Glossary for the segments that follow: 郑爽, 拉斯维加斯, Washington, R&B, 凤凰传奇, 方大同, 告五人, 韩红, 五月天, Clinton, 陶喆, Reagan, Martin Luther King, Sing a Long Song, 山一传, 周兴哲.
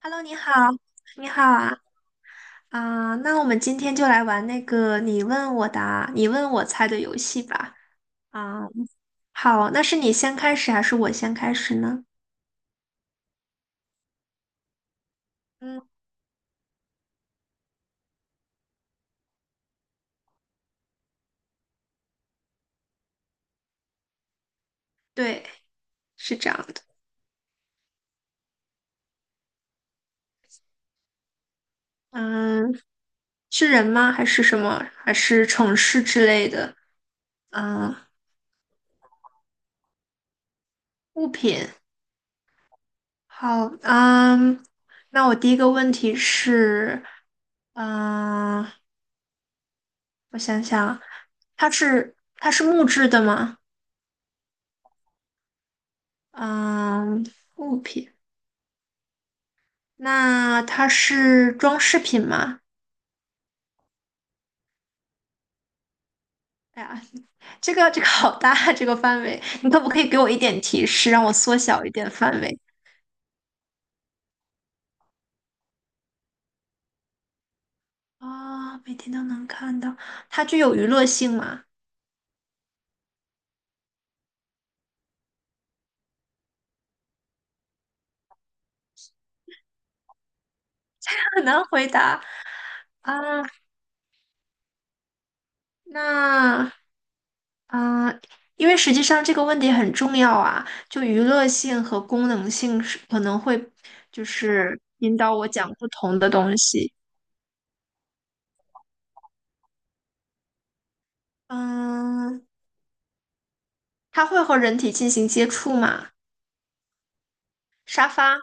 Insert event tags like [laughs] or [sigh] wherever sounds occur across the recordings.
Hello，你好，你好啊，那我们今天就来玩那个你问我答，你问我猜的游戏吧。啊、好，那是你先开始还是我先开始呢？嗯，对，是这样的。嗯，是人吗？还是什么？还是城市之类的？嗯，物品。好，嗯，那我第一个问题是，嗯，我想想啊，它是木质的吗？嗯，物品。那它是装饰品吗？哎呀，这个这个好大啊这个范围，你可不可以给我一点提示，让我缩小一点范围？每天都能看到，它具有娱乐性吗？[laughs] 很难回答啊。那啊、呃因为实际上这个问题很重要啊，就娱乐性和功能性是可能会就是引导我讲不同的东西。嗯，它会和人体进行接触吗？沙发。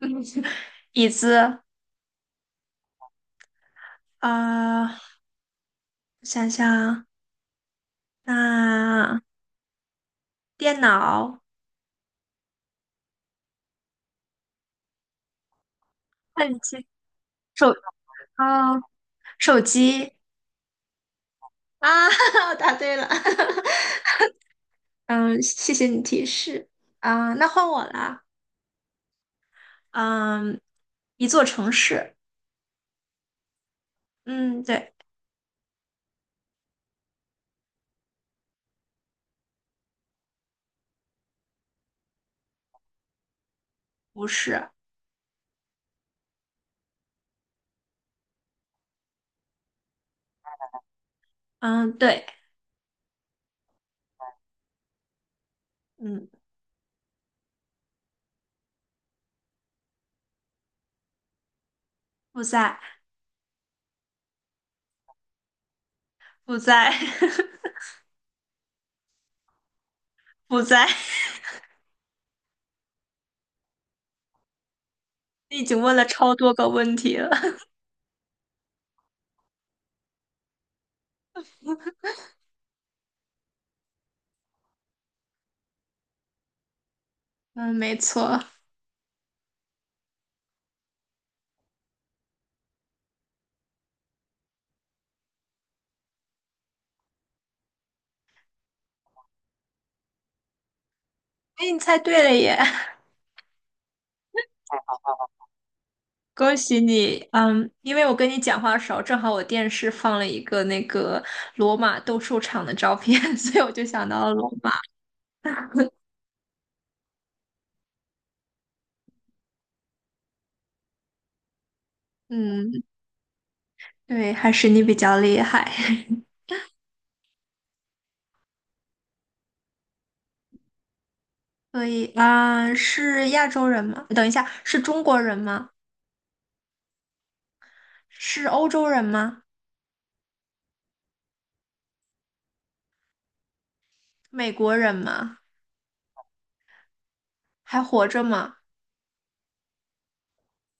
[laughs] 椅子，啊、呃想想，那、电脑、喷机、手，啊、手机啊，[laughs] 我答对了，[laughs] 嗯，谢谢你提示那换我啦，嗯，一座城市，嗯，对，不是，嗯，对，嗯，不在，不在，[laughs] 不在，[laughs] 你已经问了超多个问题了，嗯，没错，哎，你猜对了耶。恭喜你，嗯，因为我跟你讲话的时候，正好我电视放了一个那个罗马斗兽场的照片，[laughs] 所以我就想到了罗马。嗯，对，还是你比较厉害。[laughs] 所以啊，是亚洲人吗？等一下，是中国人吗？是欧洲人吗？美国人吗？还活着吗？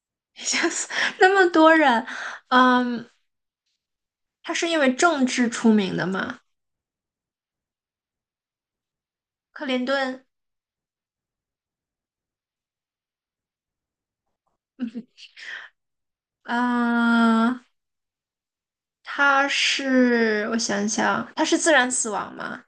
[laughs] 吓死那么多人，嗯，他是因为政治出名的吗？克林顿，嗯、他是，我想想，他是自然死亡吗？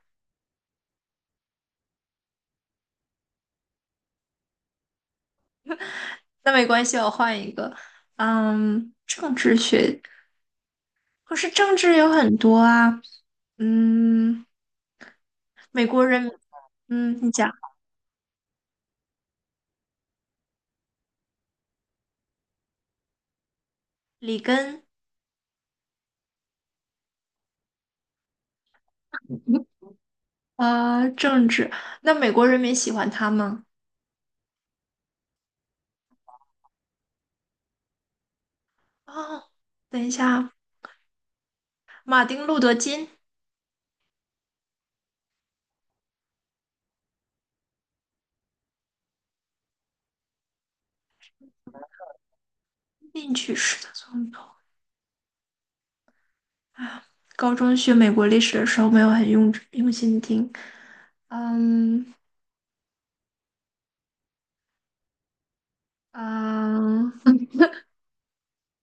那没关系，我换一个。嗯，政治学，可是政治有很多啊。嗯，美国人嗯，你讲里根啊，政治，那美国人民喜欢他吗？哦，等一下啊，马丁·路德·金，进去式的总统啊。高中学美国历史的时候没有很用心听，嗯嗯，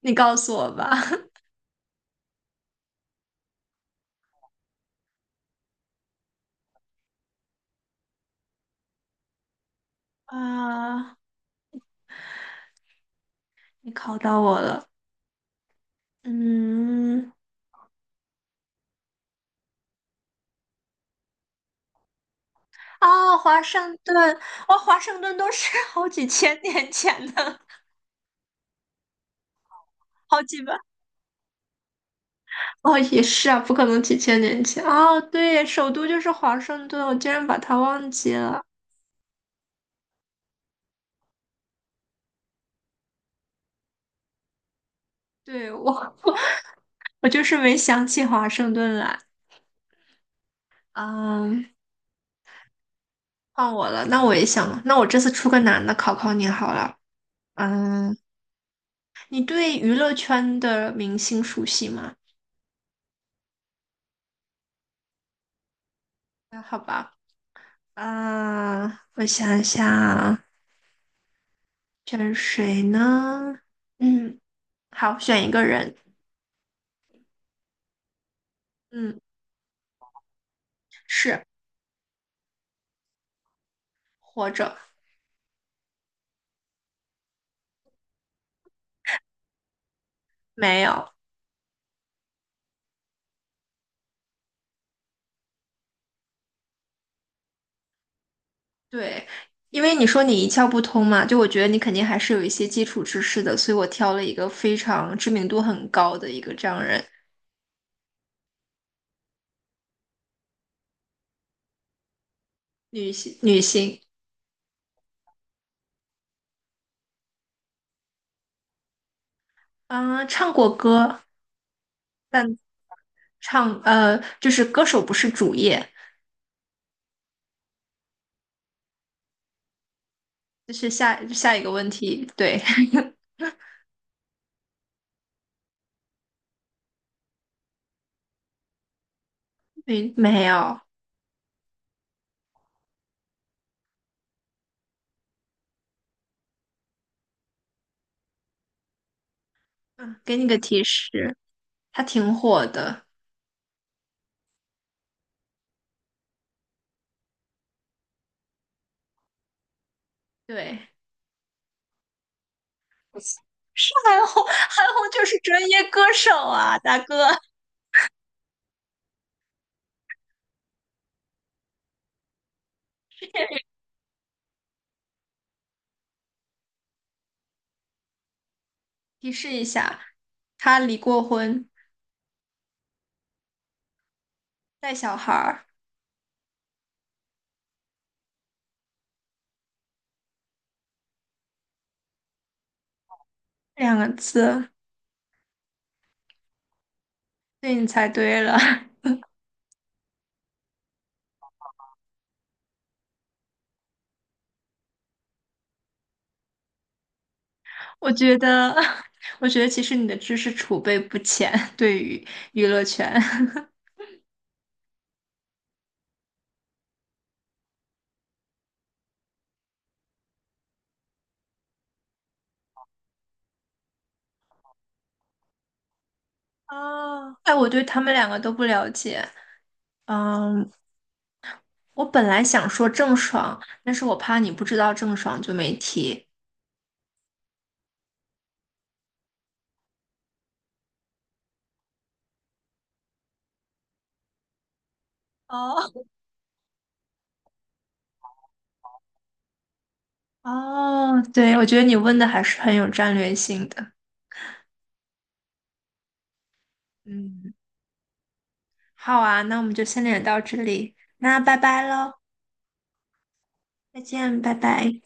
你告诉我吧。啊，你考到我了。嗯，啊，华盛顿，哇，华盛顿都是 [laughs] 好几千年前的，好几百，哦，也是啊，不可能几千年前。哦，对，首都就是华盛顿，我竟然把它忘记了。对，我，我就是没想起华盛顿来。嗯，换我了，那我也想，那我这次出个难的考考你好了。嗯，你对娱乐圈的明星熟悉吗？那好吧。啊，我想想啊选谁呢？嗯，好，选一个人。嗯，是活着没有？对，因为你说你一窍不通嘛，就我觉得你肯定还是有一些基础知识的，所以我挑了一个非常知名度很高的一个这样人，女性女性，啊，唱过歌，但唱就是歌手不是主业，就是下一个问题。对，[laughs] 没有，嗯，给你个提示。他挺火的。对，韩红，韩红就是专业歌手啊，大哥，提示一下，他离过婚，带小孩儿，两个字，对你猜对了。[laughs] 我觉得，[laughs] 我觉得其实你的知识储备不浅，对于娱乐圈。[laughs] 哦，哎，我对他们两个都不了解。嗯，我本来想说郑爽，但是我怕你不知道郑爽，就没提。哦，哦，对，我觉得你问的还是很有战略性的。嗯，好啊，那我们就先聊到这里，那拜拜喽，再见，拜拜。